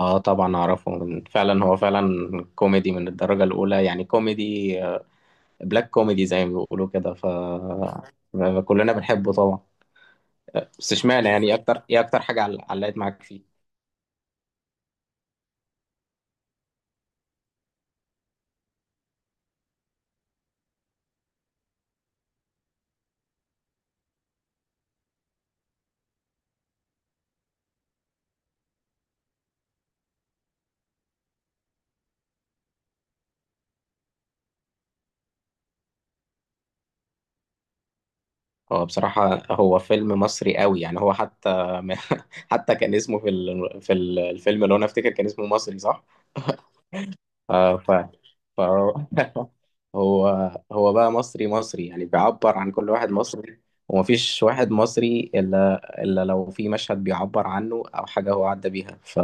اه طبعا اعرفه فعلا هو فعلا كوميدي من الدرجة الاولى يعني كوميدي بلاك كوميدي زي ما بيقولوا كده ف كلنا بنحبه طبعا. بس اشمعنى يعني إيه اكتر ايه اكتر حاجة علقت معاك فيه؟ هو بصراحة هو فيلم مصري قوي، يعني هو حتى حتى كان اسمه في الفيلم، اللي هو انا افتكر كان اسمه مصري صح؟ اه فعلا. فهو هو هو بقى مصري مصري، يعني بيعبر عن كل واحد مصري، ومفيش واحد مصري إلا لو في مشهد بيعبر عنه أو حاجة هو عدى بيها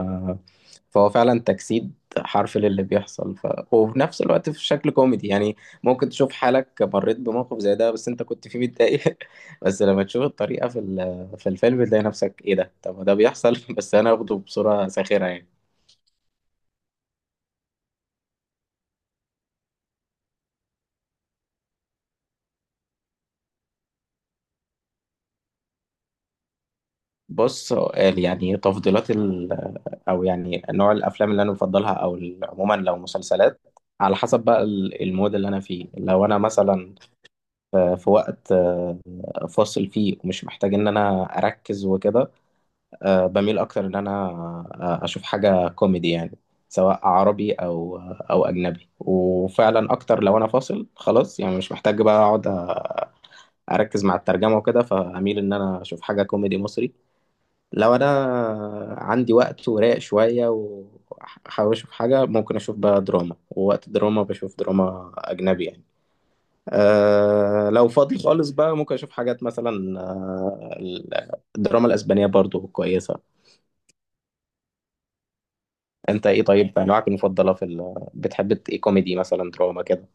فهو فعلا تجسيد حرفي للي بيحصل ف... وفي نفس الوقت في شكل كوميدي، يعني ممكن تشوف حالك مريت بموقف زي ده بس أنت كنت فيه متضايق، بس لما تشوف الطريقة في في الفيلم تلاقي نفسك إيه ده، طب ما ده بيحصل بس أنا واخده بصورة ساخرة يعني. بص، سؤال يعني تفضيلات، او يعني نوع الافلام اللي انا بفضلها، او عموما لو مسلسلات، على حسب بقى المود اللي انا فيه. لو انا مثلا في وقت فاصل فيه ومش محتاج ان انا اركز وكده، بميل اكتر ان انا اشوف حاجة كوميدي، يعني سواء عربي او او اجنبي. وفعلا اكتر لو انا فاصل خلاص، يعني مش محتاج بقى اقعد اركز مع الترجمة وكده، فاميل ان انا اشوف حاجة كوميدي مصري. لو انا عندي وقت ورايق شويه وحابب اشوف حاجه ممكن اشوف بقى دراما، ووقت الدراما بشوف دراما اجنبي يعني. أه لو فاضي خالص بقى ممكن اشوف حاجات مثلا الدراما الاسبانيه برضو كويسه. انت ايه طيب؟ انواعك المفضله في بتحب ايه، كوميدي مثلا دراما كده؟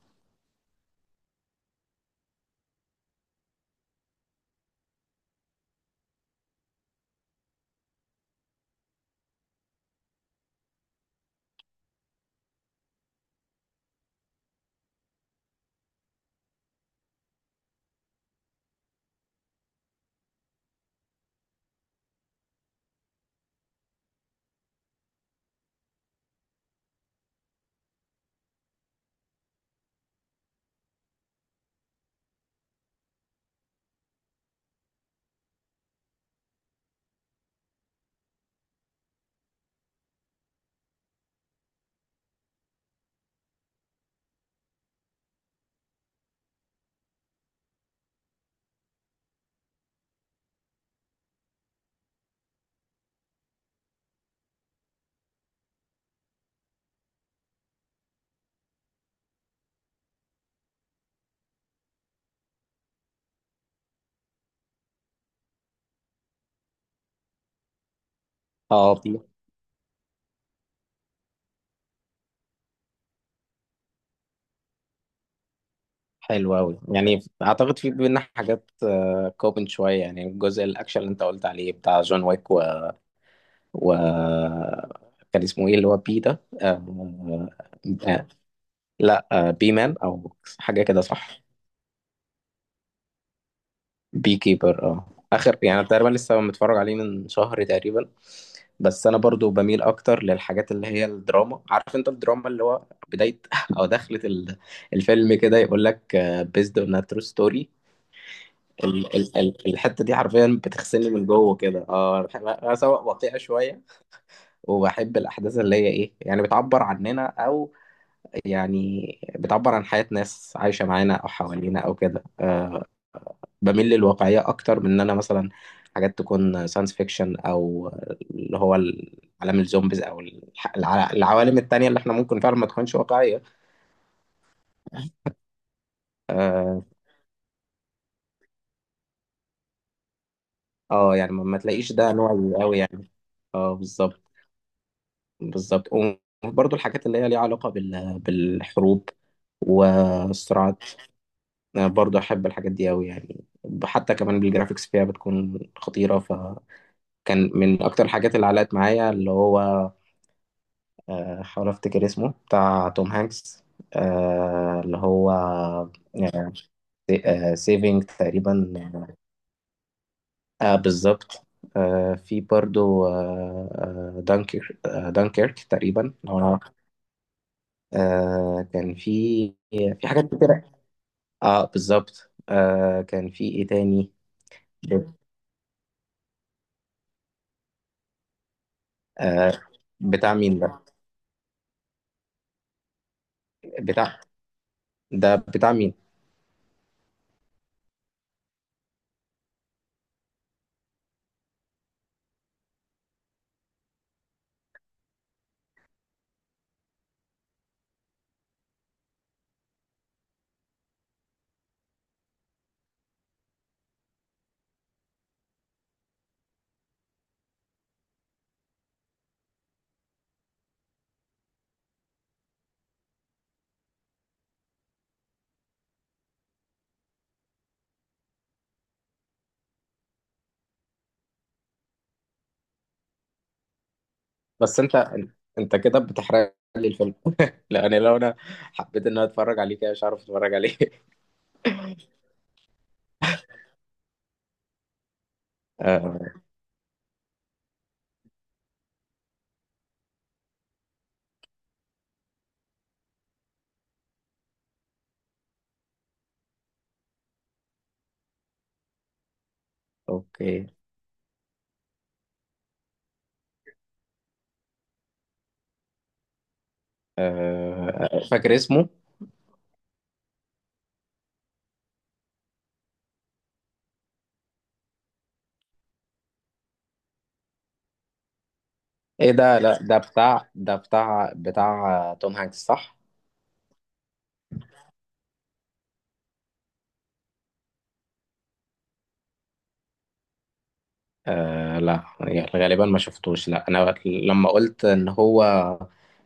اه، في. حلو قوي، يعني اعتقد في بينا حاجات كومن شويه. يعني الجزء الاكشن اللي انت قلت عليه بتاع جون ويك، وكان اسمه ايه اللي هو بي ده آه... لا بي مان او حاجه كده صح؟ بي كيبر اه. اخر يعني، أنا تقريبا لسه متفرج عليه من شهر تقريبا. بس انا برضو بميل اكتر للحاجات اللي هي الدراما، عارف انت الدراما اللي هو بدايه او دخلة الفيلم كده يقول لك بيزد اون ترو ستوري، الحته دي حرفيا بتغسلني من جوه كده. اه أنا أنا سواء واقعي شويه، وبحب الاحداث اللي هي ايه، يعني بتعبر عننا او يعني بتعبر عن حياة ناس عايشة معانا أو حوالينا أو كده. أه بميل للواقعية أكتر من إن أنا مثلا حاجات تكون ساينس فيكشن أو اللي هو عالم الزومبيز أو العوالم التانية اللي إحنا ممكن فعلا ما تكونش واقعية. أه. يعني ما تلاقيش ده نوعي أوي يعني. اه بالظبط. بالظبط. وبرضه الحاجات اللي هي ليها علاقة بالحروب والصراعات، أنا برضه أحب الحاجات دي أوي يعني. حتى كمان بالجرافيكس فيها بتكون خطيرة. كان من اكتر الحاجات اللي علقت معايا اللي هو، حاول افتكر اسمه، بتاع توم هانكس، اللي هو سيفينج تقريبا. آه بالظبط. في برضو آه دانكر آه دانكيرك تقريبا لو أنا. كان في، في حاجات كتير. اه بالظبط. آه كان في ايه تاني؟ آه بتاع مين ده؟ بتاع ده، بتاع مين؟ بس انت، انت كده بتحرق لي الفيلم! لان لو انا حبيت ان انا اتفرج عليه كده مش عارف اتفرج عليه. آه، اوكي. فاكر اسمه؟ ايه ده؟ لا ده بتاع، ده بتاع توم هانكس صح؟ آه لا، يعني غالبا ما شفتوش. لا انا لما قلت ان هو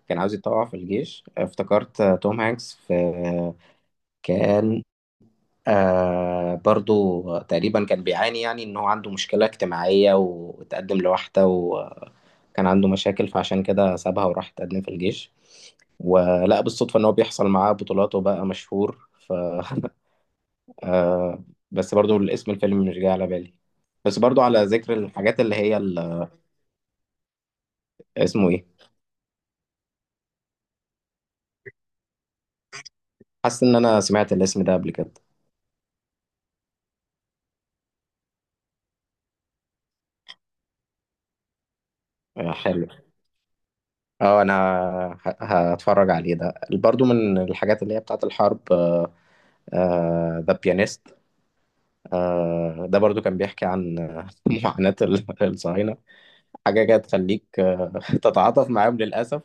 كان عاوز يتطوع في الجيش افتكرت توم هانكس في، كان آه برضو تقريبا كان بيعاني، يعني ان هو عنده مشكلة اجتماعية وتقدم لوحده وكان عنده مشاكل فعشان كده سابها وراح تقدم في الجيش، ولقى بالصدفة ان هو بيحصل معاه بطولات وبقى مشهور ف آه. بس برضو الاسم الفيلم مش جاي على بالي. بس برضو على ذكر الحاجات اللي هي اسمه ايه، حاسس ان انا سمعت الاسم ده قبل كده. آه حلو. اه انا هتفرج عليه. ده برضو من الحاجات اللي هي بتاعت الحرب، ذا بيانيست، ده برضو كان بيحكي عن معاناة الصهاينة، حاجة كده تخليك تتعاطف معاهم للأسف.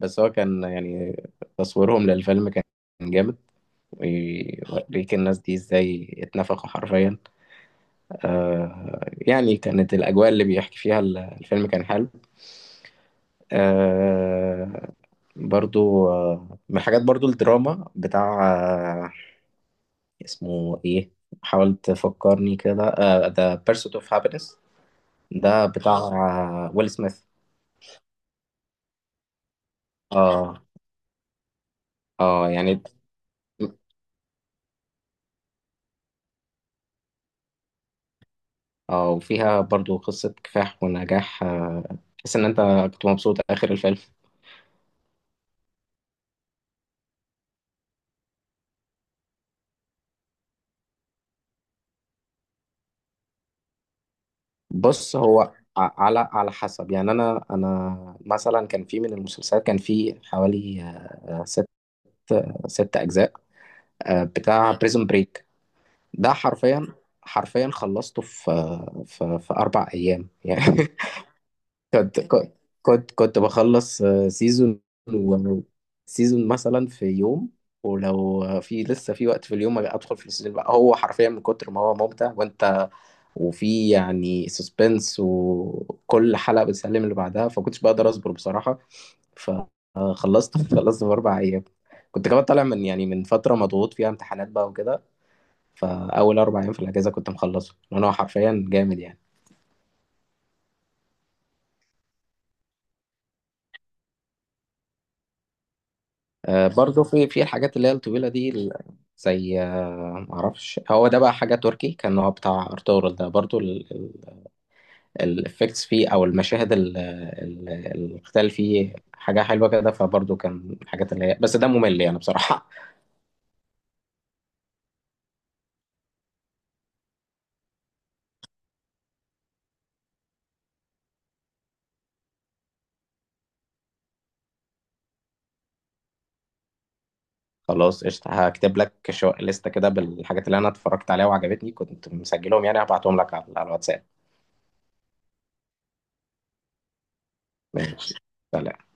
بس هو كان يعني تصويرهم للفيلم كان جامد، ويوريك الناس دي ازاي اتنفخوا حرفيا. يعني كانت الأجواء اللي بيحكي فيها الفيلم كان حلو. آه، برضو من الحاجات برضو الدراما بتاع آه، اسمه ايه، حاولت تفكرني كده، ذا بيرسوت اوف هابينس، ده بتاع ويل سميث. اه. اه يعني اه، وفيها برضو قصة كفاح ونجاح. تحس ان انت كنت مبسوط اخر الفيلم. بص هو على على حسب يعني. انا انا مثلا كان في من المسلسلات كان في حوالي ست اجزاء، بتاع بريزون بريك، ده حرفيا، حرفيا خلصته في في اربع ايام يعني. كنت كنت كنت بخلص سيزون سيزون مثلا في يوم، ولو في لسه في وقت في اليوم ادخل في السيزون بقى. هو حرفيا من كتر ما هو ممتع وانت، وفي يعني سسبنس وكل حلقة بتسلم اللي بعدها فكنتش بقدر اصبر بصراحة، فخلصت خلصت في اربع ايام. كنت كمان طالع من يعني من فترة مضغوط فيها امتحانات بقى وكده، فاول اربع ايام في الاجازة كنت مخلصه، لان هو حرفيا جامد يعني. برضو في الحاجات اللي هي الطويلة دي زي معرفش هو ده بقى حاجة تركي، كان هو بتاع ارطغرل ده برضو، الافكتس فيه او المشاهد القتال فيه حاجة حلوة كده. فبرضو كان الحاجات اللي هي، بس ده ممل يعني بصراحة. خلاص قشطة، هكتب لك شو لستة كده بالحاجات اللي انا اتفرجت عليها وعجبتني، كنت مسجلهم يعني، هبعتهم لك على على الواتساب. ماشي. سلام.